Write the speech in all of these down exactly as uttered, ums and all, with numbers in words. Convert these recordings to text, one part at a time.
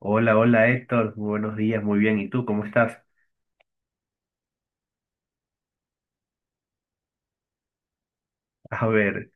Hola, hola Héctor, buenos días, muy bien. ¿Y tú cómo estás? A ver,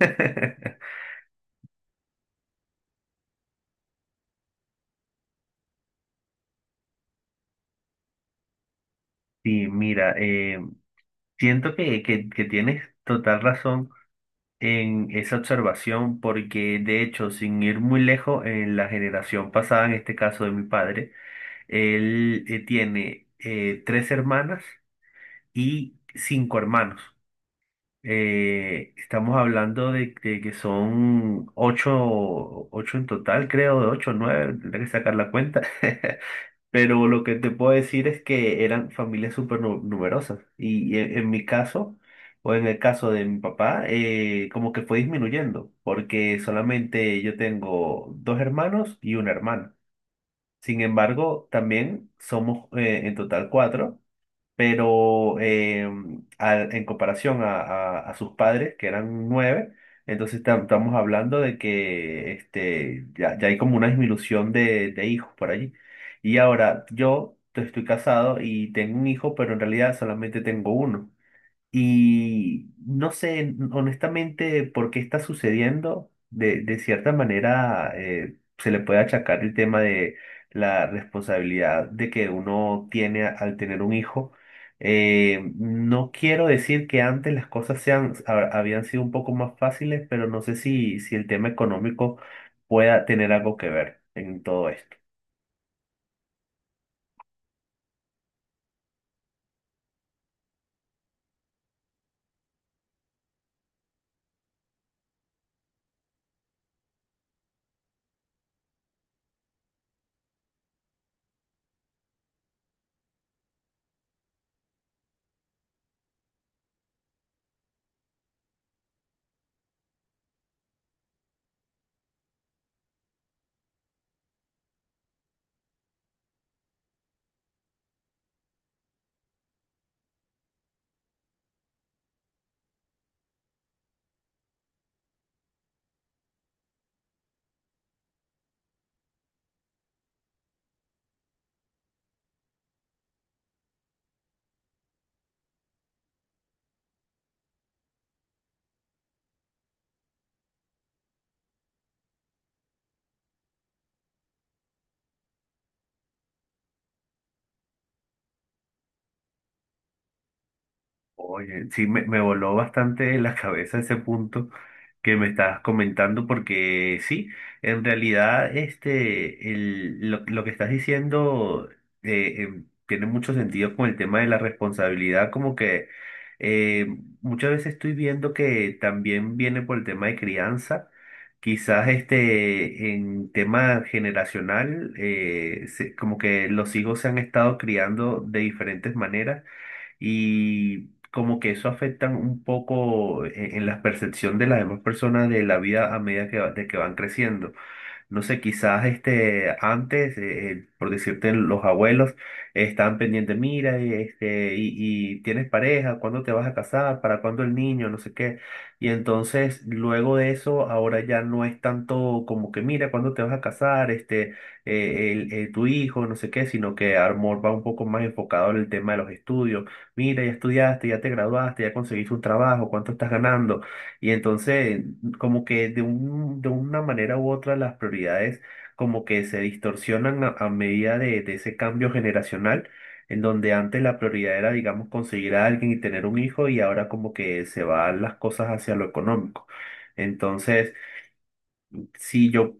sí, mira, eh, siento que, que, que tienes total razón en esa observación porque de hecho, sin ir muy lejos, en la generación pasada, en este caso de mi padre, él eh, tiene eh, tres hermanas y cinco hermanos. Eh, estamos hablando de, de que son ocho, ocho en total, creo, de ocho, nueve, tendré que sacar la cuenta. Pero lo que te puedo decir es que eran familias súper nu- numerosas. Y e- en, mi caso, o en el caso de mi papá, eh, como que fue disminuyendo, porque solamente yo tengo dos hermanos y una hermana. Sin embargo, también somos eh, en total cuatro, pero eh, al- en comparación a, a- a sus padres, que eran nueve, entonces tam- estamos hablando de que este, ya, ya hay como una disminución de, de hijos por allí. Y ahora yo te- estoy casado y tengo un hijo, pero en realidad solamente tengo uno. Y no sé honestamente por qué está sucediendo. De, de cierta manera eh, se le puede achacar el tema de la responsabilidad de que uno tiene a- al tener un hijo. Eh, no quiero decir que antes las cosas sean, ha- habían sido un poco más fáciles, pero no sé si, si el tema económico pueda tener algo que ver en todo esto. Oye, sí, me, me voló bastante la cabeza ese punto que me estabas comentando, porque sí, en realidad este, el, lo, lo que estás diciendo eh, em, tiene mucho sentido con el tema de la responsabilidad, como que eh, muchas veces estoy viendo que también viene por el tema de crianza, quizás este, en tema generacional, eh, se- como que los hijos se han estado criando de diferentes maneras y como que eso afecta un poco en, en la percepción de las demás personas de la vida a medida que, va- de que van creciendo. No sé, quizás este, antes, eh, eh, por decirte, los abuelos estaban pendientes, mira, eh, este, y, y tienes pareja, ¿cuándo te vas a casar? ¿Para cuándo el niño? No sé qué. Y entonces, luego de eso, ahora ya no es tanto como que, mira, ¿cuándo te vas a casar? Este, eh, el- eh, tu hijo, no sé qué, sino que amor va un poco más enfocado en el tema de los estudios. Mira, ya estudiaste, ya te graduaste, ya conseguiste un trabajo, ¿cuánto estás ganando? Y entonces como que de un, de una manera u otra las prioridades como que se distorsionan a, a medida de, de ese cambio generacional, en donde antes la prioridad era, digamos, conseguir a alguien y tener un hijo y ahora como que se van las cosas hacia lo económico. Entonces, si yo,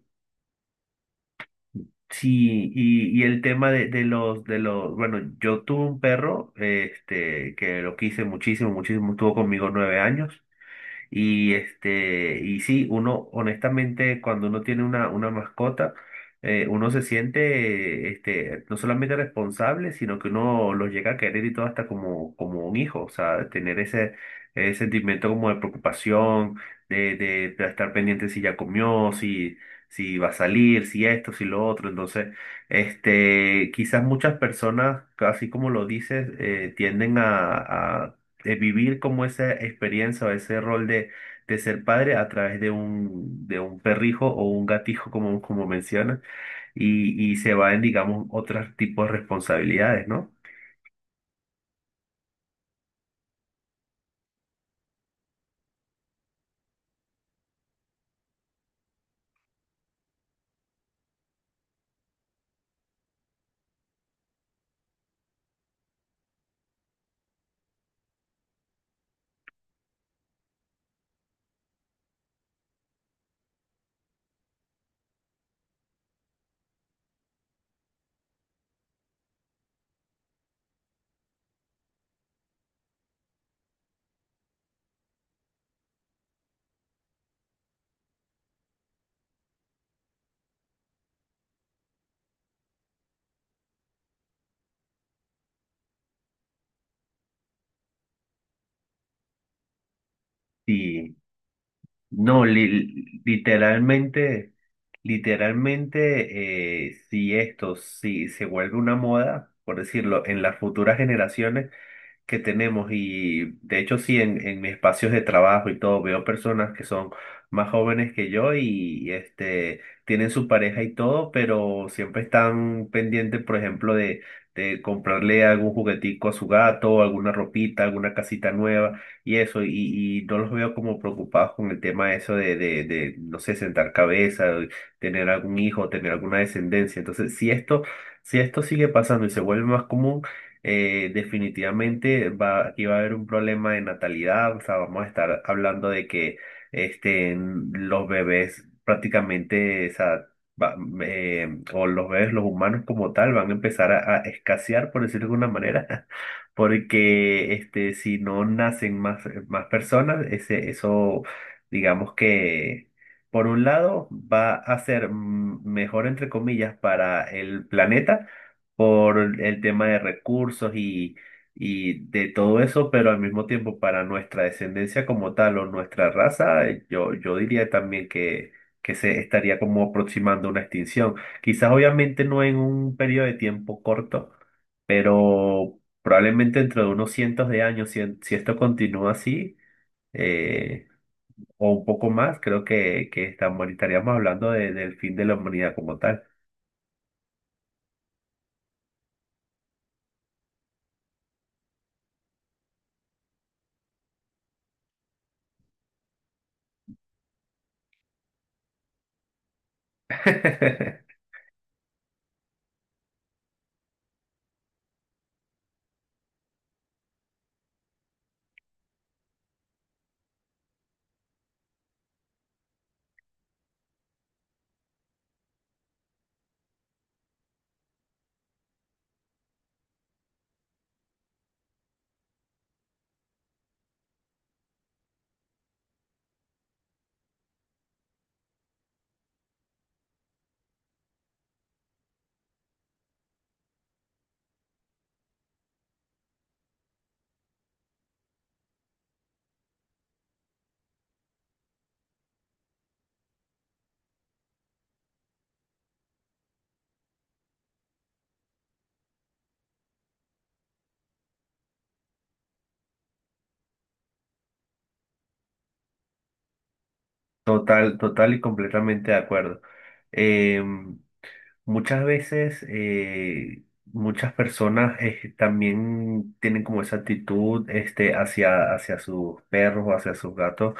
sí, y, y el tema de, de los, de los, bueno, yo tuve un perro, este, que lo quise muchísimo, muchísimo, estuvo conmigo nueve años. Y este, y sí, uno, honestamente, cuando uno tiene una, una mascota, eh, uno se siente, este, no solamente responsable, sino que uno los llega a querer y todo hasta como, como un hijo, o sea, tener ese, ese sentimiento como de preocupación, de, de, de estar pendiente si ya comió, si, si va a salir, si esto, si lo otro. Entonces, este, quizás muchas personas, así como lo dices, eh, tienden a, de vivir como esa experiencia o ese rol de, de ser padre a través de un, de un perrijo o un gatijo, como, como mencionas, y, y se va en, digamos, otros tipos de responsabilidades, ¿no? Y no, li- literalmente, literalmente, eh, si esto, si se vuelve una moda, por decirlo, en las futuras generaciones, que tenemos y de hecho sí, en, en mis espacios de trabajo y todo, veo personas que son más jóvenes que yo y este, tienen su pareja y todo, pero siempre están pendientes, por ejemplo, de, de comprarle algún juguetico a su gato, alguna ropita, alguna casita nueva y eso, y, y no los veo como preocupados con el tema eso de, de, de, no sé, sentar cabeza, tener algún hijo, tener alguna descendencia. Entonces, si esto... Si esto sigue pasando y se vuelve más común, eh, definitivamente va, aquí va a haber un problema de natalidad, o sea, vamos a estar hablando de que este, los bebés prácticamente, o sea, va- eh, o los bebés, los humanos como tal, van a empezar a, a escasear, por decirlo de alguna manera, porque este, si no nacen más, más personas, ese, eso, digamos que... Por un lado, va a ser mm, mejor, entre comillas, para el planeta, por el tema de recursos y, y de todo eso, pero al mismo tiempo para nuestra descendencia como tal o nuestra raza, eh, yo, yo diría también que, que se estaría como aproximando una extinción. Quizás obviamente no en un periodo de tiempo corto, pero probablemente dentro de unos cientos de años, si, si esto continúa así, eh, o un poco más, creo que, que estamos, estaríamos hablando de- del fin de la humanidad como tal. Total, total y completamente de acuerdo. Eh, Muchas veces, eh, muchas personas eh, también tienen como esa actitud este, hacia, hacia sus perros o hacia sus gatos.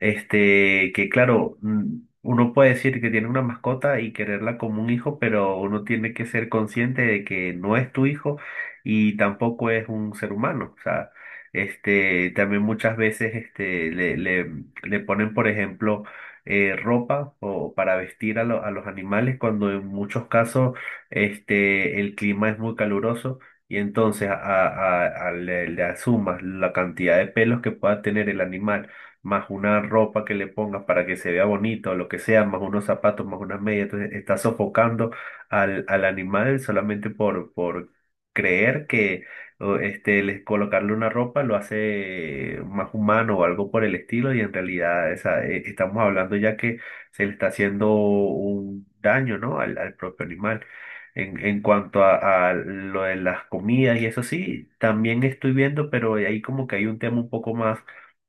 Este, que claro, mm, uno puede decir que tiene una mascota y quererla como un hijo, pero uno tiene que ser consciente de que no es tu hijo y tampoco es un ser humano. O sea, este, también muchas veces este, le, le, le ponen, por ejemplo, eh, ropa o para vestir a, lo- a los animales cuando en muchos casos este, el clima es muy caluroso. Y entonces a, a- a- le le asumas la cantidad de pelos que pueda tener el animal más una ropa que le pongas para que se vea bonito o lo que sea, más unos zapatos, más unas medias. Entonces estás sofocando al, al animal solamente por, por creer que o, este, les, colocarle una ropa lo hace más humano o algo por el estilo y en realidad esa, eh, estamos hablando ya que se le está haciendo un daño, ¿no? Al al propio animal. En, en cuanto a, a lo de las comidas y eso sí, también estoy viendo, pero ahí como que hay un tema un poco más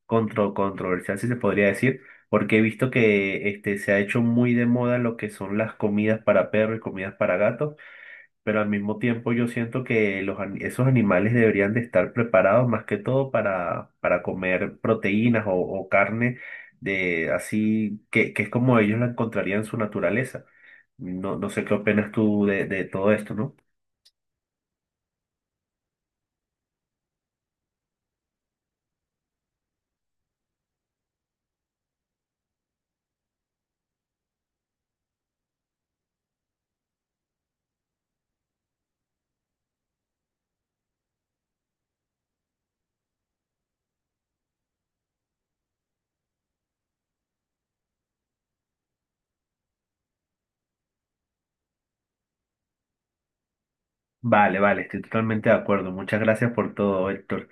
contro- controversial, si se podría decir, porque he visto que este, se ha hecho muy de moda lo que son las comidas para perros y comidas para gatos, pero al mismo tiempo yo siento que los, an- esos animales deberían de estar preparados más que todo para, para comer proteínas o, o carne de así, que, que es como ellos la encontrarían en su naturaleza. No, no sé qué opinas tú de, de todo esto, ¿no? Vale, vale, estoy totalmente de acuerdo. Muchas gracias por todo, Héctor.